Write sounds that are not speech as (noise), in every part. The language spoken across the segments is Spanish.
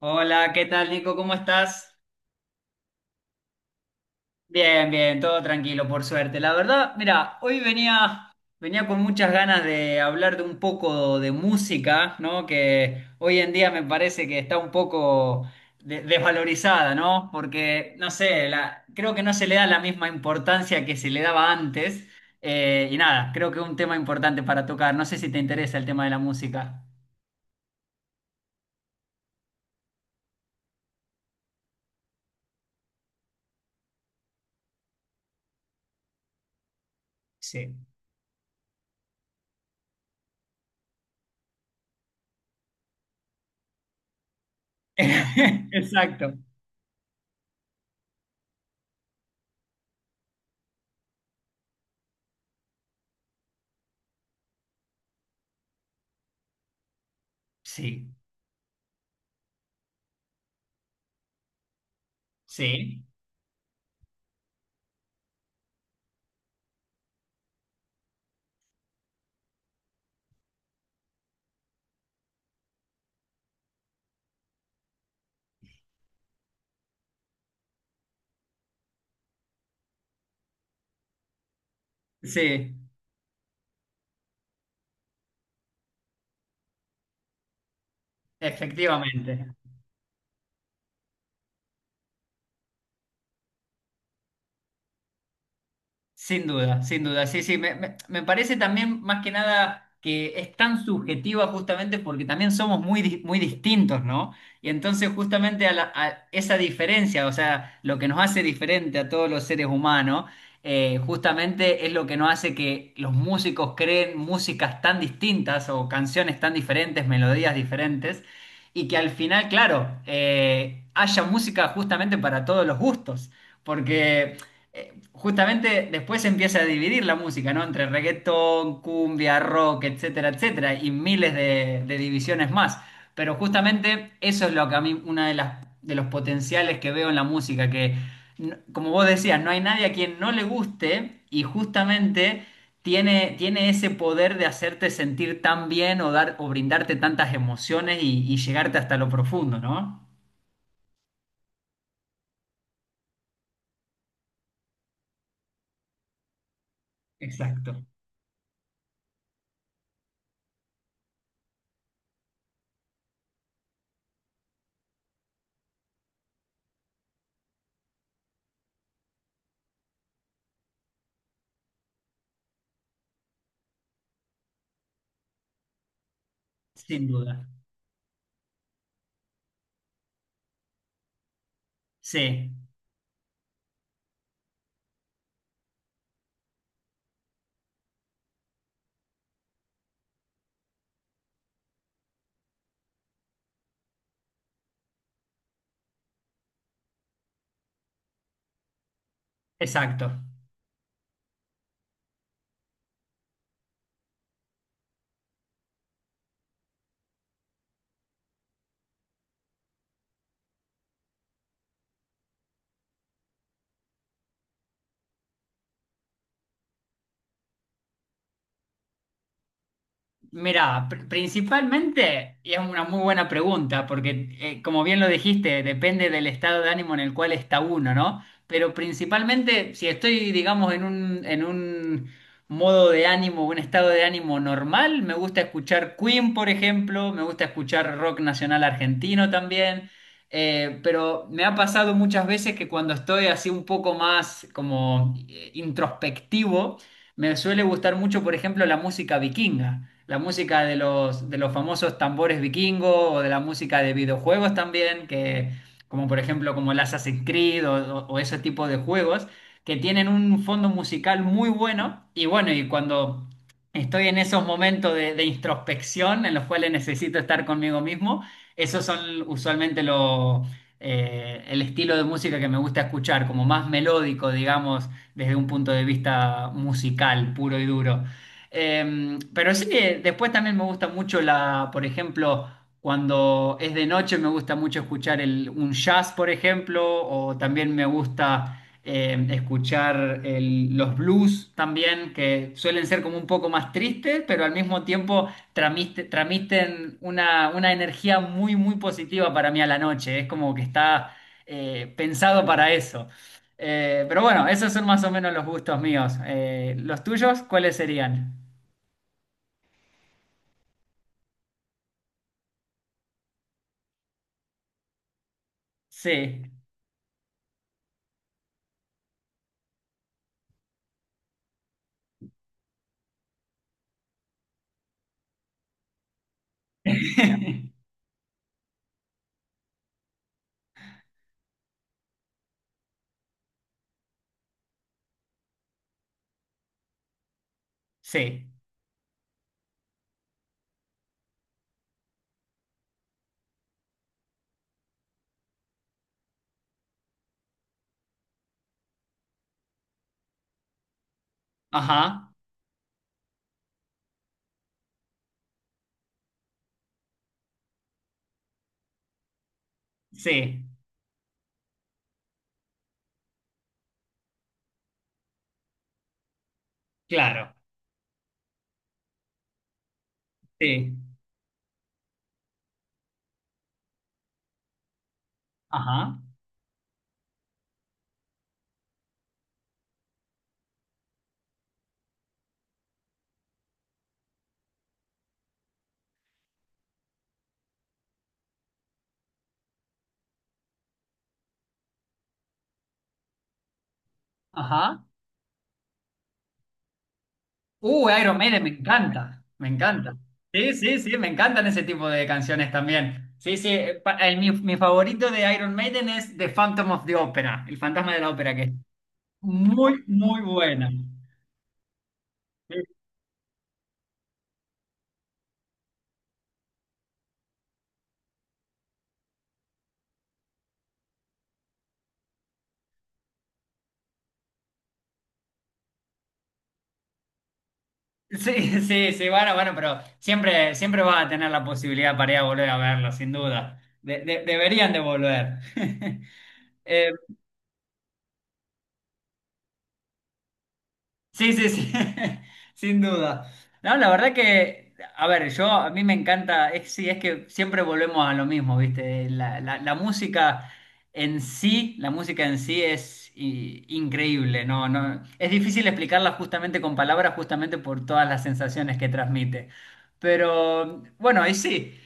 Hola, ¿qué tal, Nico? ¿Cómo estás? Bien, todo tranquilo, por suerte. La verdad, mira, hoy venía con muchas ganas de hablar de un poco de música, ¿no? Que hoy en día me parece que está un poco desvalorizada, ¿no? Porque, no sé, creo que no se le da la misma importancia que se le daba antes. Y nada, creo que es un tema importante para tocar. No sé si te interesa el tema de la música. Sí. (laughs) Exacto. Sí, sí, sí. Efectivamente, sin duda, sin duda. Sí, sí, me parece también más que nada que es tan subjetiva justamente porque también somos muy, muy distintos, ¿no? Y entonces justamente a esa diferencia, o sea, lo que nos hace diferente a todos los seres humanos, justamente es lo que nos hace que los músicos creen músicas tan distintas o canciones tan diferentes, melodías diferentes, y que al final, claro, haya música justamente para todos los gustos. Porque justamente después se empieza a dividir la música, ¿no? Entre reggaetón, cumbia, rock, etcétera, etcétera, y miles de divisiones más. Pero justamente eso es lo que a mí, una de las, de los potenciales que veo en la música, que como vos decías, no hay nadie a quien no le guste y justamente tiene ese poder de hacerte sentir tan bien o dar, o brindarte tantas emociones y llegarte hasta lo profundo, ¿no? Exacto, sin duda. Sí, exacto. Mira, principalmente, y es una muy buena pregunta, porque como bien lo dijiste, depende del estado de ánimo en el cual está uno, ¿no? Pero principalmente, si estoy, digamos, en un modo de ánimo, un estado de ánimo normal, me gusta escuchar Queen, por ejemplo, me gusta escuchar rock nacional argentino también, pero me ha pasado muchas veces que cuando estoy así un poco más como introspectivo, me suele gustar mucho, por ejemplo, la música vikinga, la música de los famosos tambores vikingos o de la música de videojuegos también, que, como por ejemplo como el Assassin's Creed o, o ese tipo de juegos, que tienen un fondo musical muy bueno. Y bueno, y cuando estoy en esos momentos de introspección en los cuales necesito estar conmigo mismo, esos son usualmente el estilo de música que me gusta escuchar, como más melódico, digamos, desde un punto de vista musical, puro y duro. Pero sí que después también me gusta mucho la, por ejemplo, cuando es de noche me gusta mucho escuchar el, un jazz, por ejemplo, o también me gusta escuchar los blues también, que suelen ser como un poco más tristes, pero al mismo tiempo tramiten una energía muy, muy positiva para mí a la noche. Es como que está pensado para eso. Pero bueno, esos son más o menos los gustos míos. ¿Los tuyos cuáles serían? Sí, (laughs) sí, ajá, sí, claro, sí, ajá, ajá. Iron Maiden, me encanta, me encanta. Sí, sí, sí, me encantan ese tipo de canciones también. Sí, sí, mi favorito de Iron Maiden es The Phantom of the Opera, El Fantasma de la Ópera, que es muy, muy buena. Sí, (laughs) sí, sí, bueno, bueno, pero siempre, siempre vas a tener la posibilidad para ir a volver a verlo, sin duda. Deberían de volver. (laughs) Sí, sí, sí, (laughs) sin duda. No, la verdad que, a ver, yo a mí me encanta, es, sí, es que siempre volvemos a lo mismo, ¿viste? La, la música en sí, la música en sí es increíble, ¿no? No, es difícil explicarla justamente con palabras, justamente por todas las sensaciones que transmite. Pero bueno, ahí sí,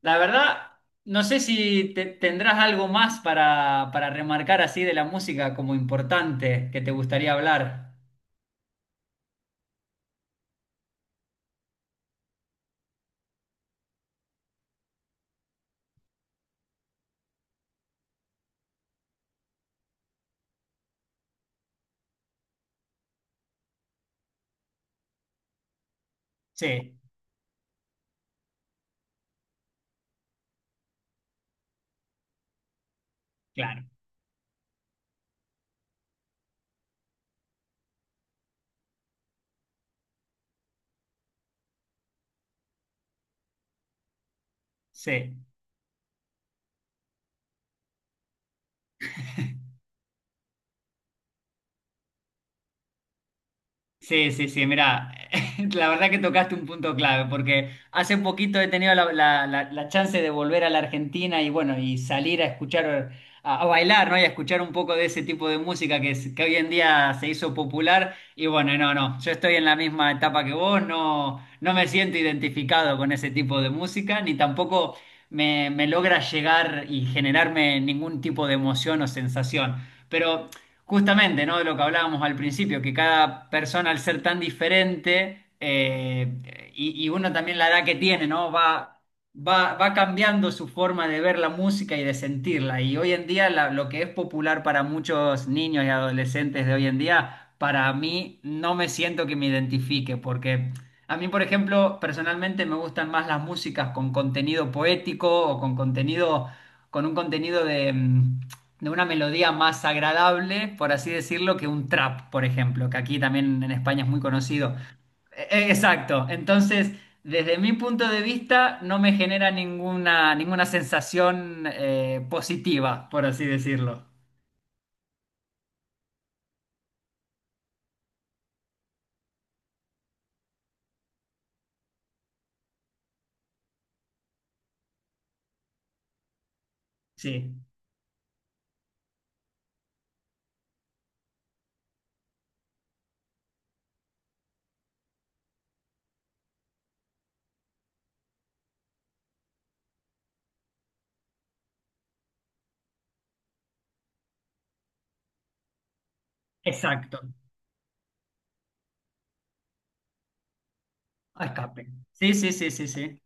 la verdad, no sé si tendrás algo más para remarcar así de la música como importante que te gustaría hablar. Sí. Claro, sí, sí, sí, sí, mira, (laughs) la verdad que tocaste un punto clave, porque hace poquito he tenido la, la chance de volver a la Argentina y bueno, y salir a escuchar, a bailar, ¿no? Y a escuchar un poco de ese tipo de música que, que hoy en día se hizo popular. Y bueno, no, no, yo estoy en la misma etapa que vos, no, no me siento identificado con ese tipo de música, ni tampoco me logra llegar y generarme ningún tipo de emoción o sensación. Pero justamente, ¿no? De lo que hablábamos al principio, que cada persona al ser tan diferente, y uno también la edad que tiene, ¿no? Va cambiando su forma de ver la música y de sentirla. Y hoy en día lo que es popular para muchos niños y adolescentes de hoy en día, para mí no me siento que me identifique, porque a mí, por ejemplo, personalmente me gustan más las músicas con contenido poético o con contenido, con un contenido de... de una melodía más agradable, por así decirlo, que un trap, por ejemplo, que aquí también en España es muy conocido. Exacto. Entonces, desde mi punto de vista, no me genera ninguna, ninguna sensación positiva, por así decirlo. Sí, exacto. A escape. Sí, sí, sí, sí, sí.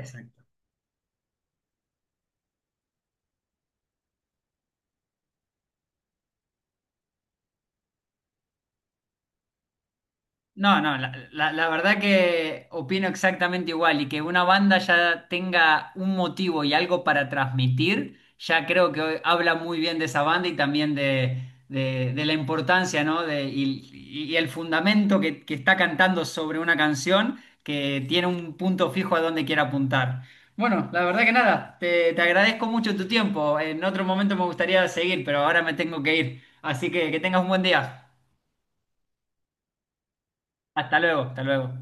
Exacto. No, no, la, la verdad que opino exactamente igual y que una banda ya tenga un motivo y algo para transmitir, ya creo que habla muy bien de esa banda y también de, de la importancia, ¿no? De, y el fundamento que está cantando sobre una canción que tiene un punto fijo a donde quiere apuntar. Bueno, la verdad que nada, te agradezco mucho tu tiempo. En otro momento me gustaría seguir, pero ahora me tengo que ir. Así que tengas un buen día. Hasta luego, hasta luego.